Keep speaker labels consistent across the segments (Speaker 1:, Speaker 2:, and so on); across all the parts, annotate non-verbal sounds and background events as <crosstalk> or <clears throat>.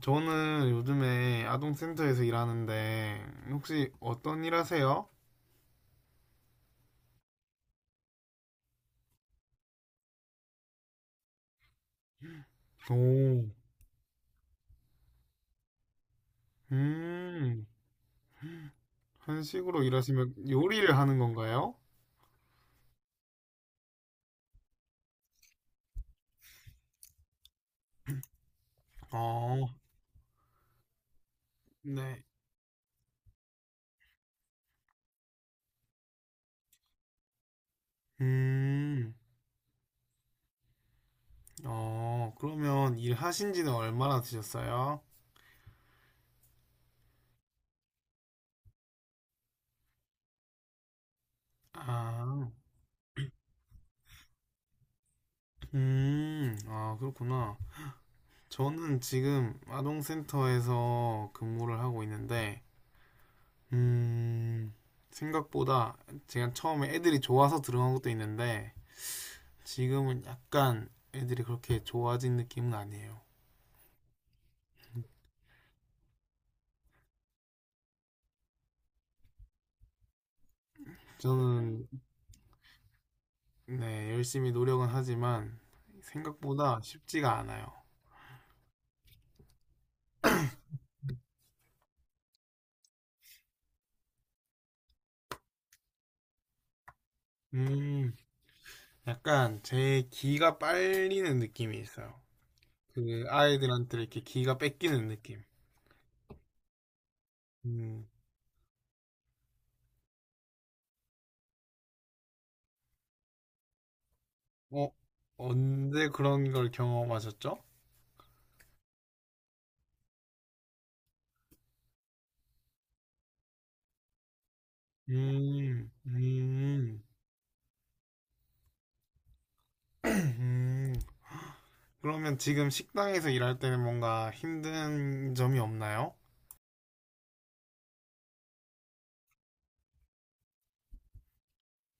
Speaker 1: 저는 요즘에 아동센터에서 일하는데 혹시 어떤 일 하세요? 오. 음, 한식으로 일하시면 요리를 하는 건가요? 어, 네. 음, 어, 그러면 일하신 지는 얼마나 되셨어요? 아, 아, 그렇구나. 저는 지금 아동센터에서 근무를 하고 있는데, 음, 생각보다 제가 처음에 애들이 좋아서 들어간 것도 있는데, 지금은 약간 애들이 그렇게 좋아진 느낌은 아니에요. 저는 네, 열심히 노력은 하지만 생각보다 쉽지가 않아요. 음, 약간 제 기가 빨리는 느낌이 있어요. 그 아이들한테 이렇게 기가 뺏기는 느낌. 음, 어, 언제 그런 걸 경험하셨죠? 음, 음, <clears throat> 음. 그러면 지금 식당에서 일할 때는 뭔가 힘든 점이 없나요?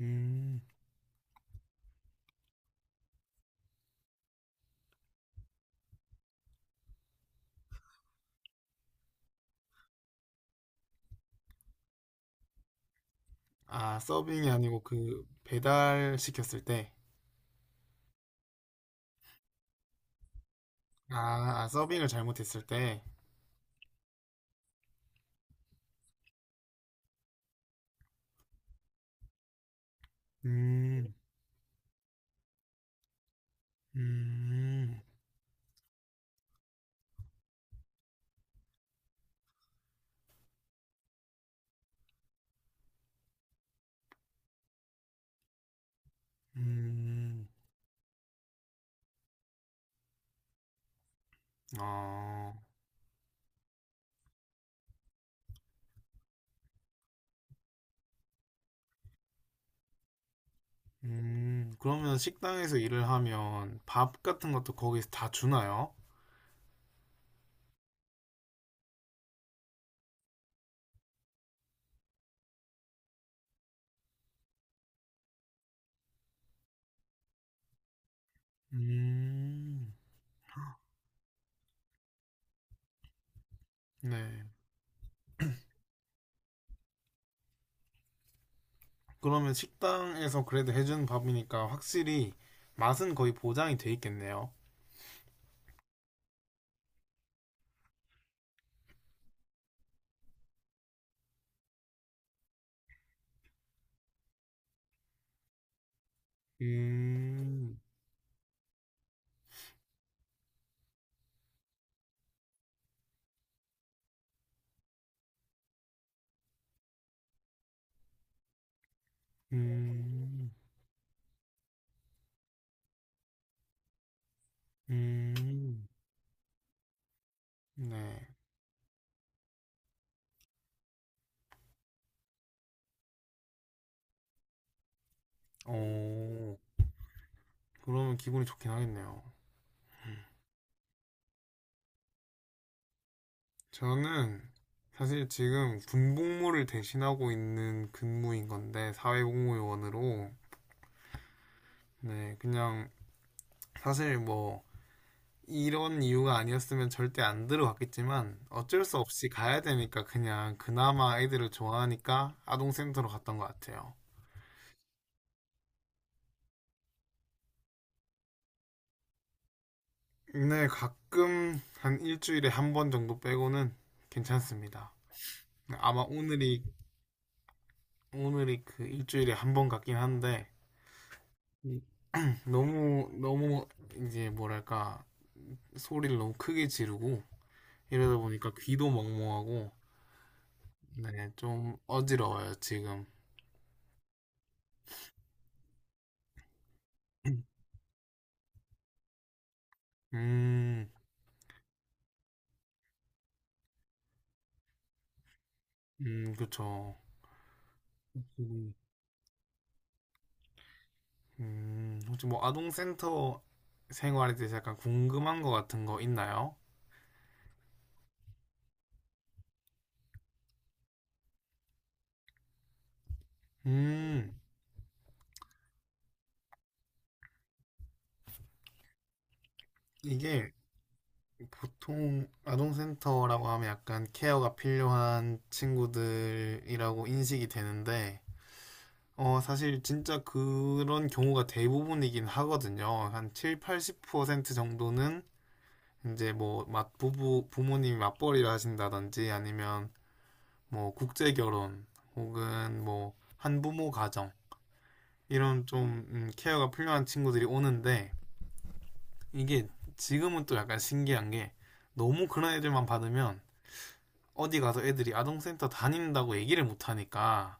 Speaker 1: 음. 아, 서빙이 아니고 그 배달 시켰을 때. 아, 아, 서빙을 잘못했을 때. 음, 음, 음, 어, 그러면 식당에서 일을 하면 밥 같은 것도 거기서 다 주나요? 음, 네. 그러면 식당에서 그래도 해주는 밥이니까 확실히 맛은 거의 보장이 돼 있겠네요. 음, 음, 음, 네. 오. 그러면 기분이 좋긴 하겠네요. 음. 저는 사실 지금 군복무를 대신하고 있는 근무인 건데 사회복무요원으로. 네, 그냥 사실 뭐 이런 이유가 아니었으면 절대 안 들어갔겠지만 어쩔 수 없이 가야 되니까 그냥 그나마 애들을 좋아하니까 아동센터로 갔던 것 같아요. 네, 가끔 한 일주일에 한 번 정도 빼고는 괜찮습니다. 아마 오늘이 그 일주일에 한 번 같긴 한데 너무 너무 이제 뭐랄까 소리를 너무 크게 지르고 이러다 보니까 귀도 멍멍하고 네, 좀 어지러워요 지금. <clears throat> 음, 그쵸. 혹시 뭐 아동센터 생활에 대해서 약간 궁금한 거 같은 거 있나요? 음, 이게 보통 아동센터라고 하면 약간 케어가 필요한 친구들이라고 인식이 되는데 어, 사실 진짜 그런 경우가 대부분이긴 하거든요. 한 7, 80% 정도는 이제 뭐 맞부부 부모님이 맞벌이를 하신다든지 아니면 뭐 국제 결혼 혹은 뭐 한부모 가정 이런 좀 케어가 필요한 친구들이 오는데 이게 지금은 또 약간 신기한 게 너무 그런 애들만 받으면 어디 가서 애들이 아동센터 다닌다고 얘기를 못 하니까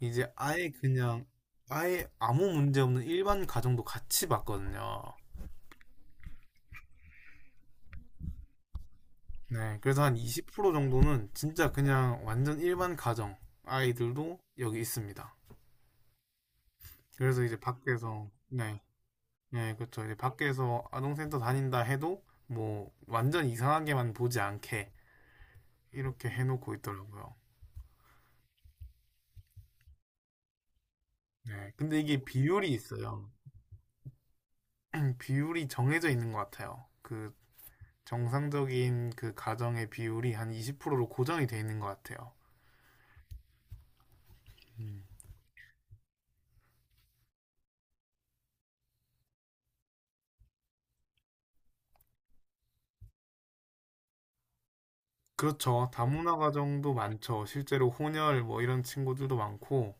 Speaker 1: 이제 아예 아무 문제 없는 일반 가정도 같이 봤거든요. 네, 그래서 한 20% 정도는 진짜 그냥 완전 일반 가정 아이들도 여기 있습니다. 그래서 이제 밖에서. 네, 네, 그렇죠. 이제 밖에서 아동센터 다닌다 해도 뭐 완전 이상하게만 보지 않게 이렇게 해놓고 있더라고요. 네, 근데 이게 비율이 있어요. 비율이 정해져 있는 것 같아요. 그 정상적인 그 가정의 비율이 한 20%로 고정이 돼 있는 것 같아요. 음. 그렇죠. 다문화 가정도 많죠. 실제로 혼혈 뭐 이런 친구들도 많고,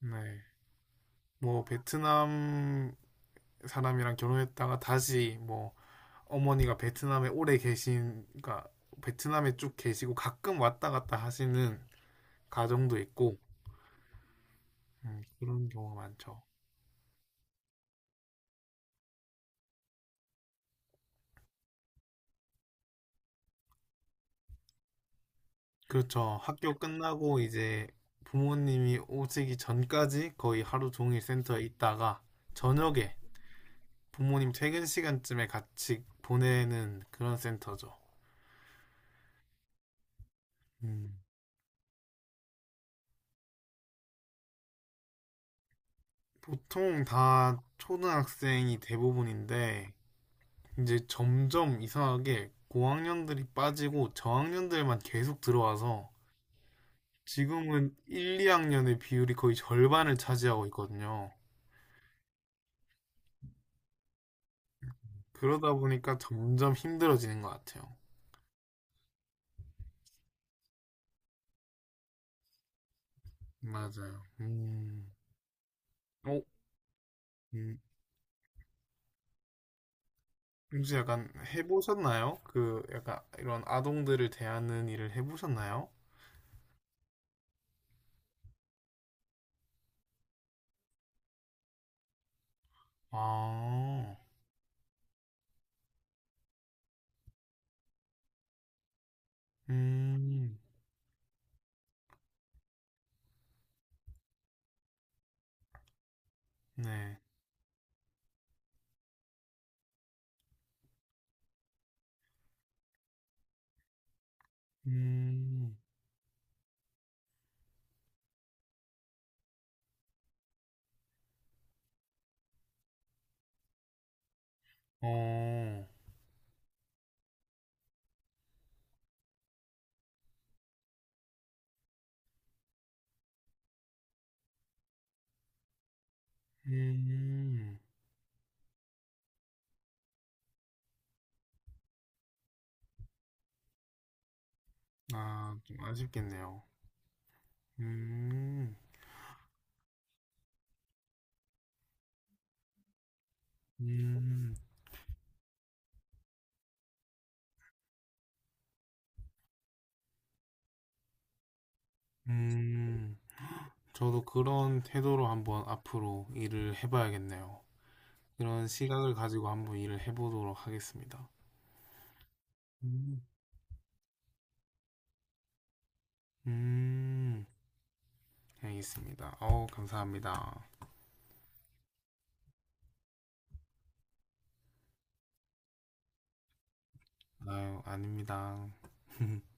Speaker 1: 네. 뭐 베트남 사람이랑 결혼했다가 다시 뭐 어머니가 베트남에 오래 계신, 그러니까 베트남에 쭉 계시고 가끔 왔다 갔다 하시는 가정도 있고, 그런 경우가 많죠. 그렇죠. 학교 끝나고 이제 부모님이 오시기 전까지 거의 하루 종일 센터에 있다가 저녁에 부모님 퇴근 시간쯤에 같이 보내는 그런 센터죠. 음. 보통 다 초등학생이 대부분인데 이제 점점 이상하게 고학년들이 빠지고 저학년들만 계속 들어와서 지금은 1, 2학년의 비율이 거의 절반을 차지하고 있거든요. 그러다 보니까 점점 힘들어지는 것 같아요. 맞아요. 음. 어? 음. 혹시 약간 해보셨나요? 그 약간 이런 아동들을 대하는 일을 해보셨나요? 아. 음. 네. 음. 어. 음. 아, 좀 아쉽겠네요. 음. 음. 음. 저도 그런 태도로 한번 앞으로 일을 해봐야겠네요. 그런 시각을 가지고 한번 일을 해보도록 하겠습니다. 음. 음. 알겠습니다. 어우, 감사합니다. 아유, 아닙니다. <laughs>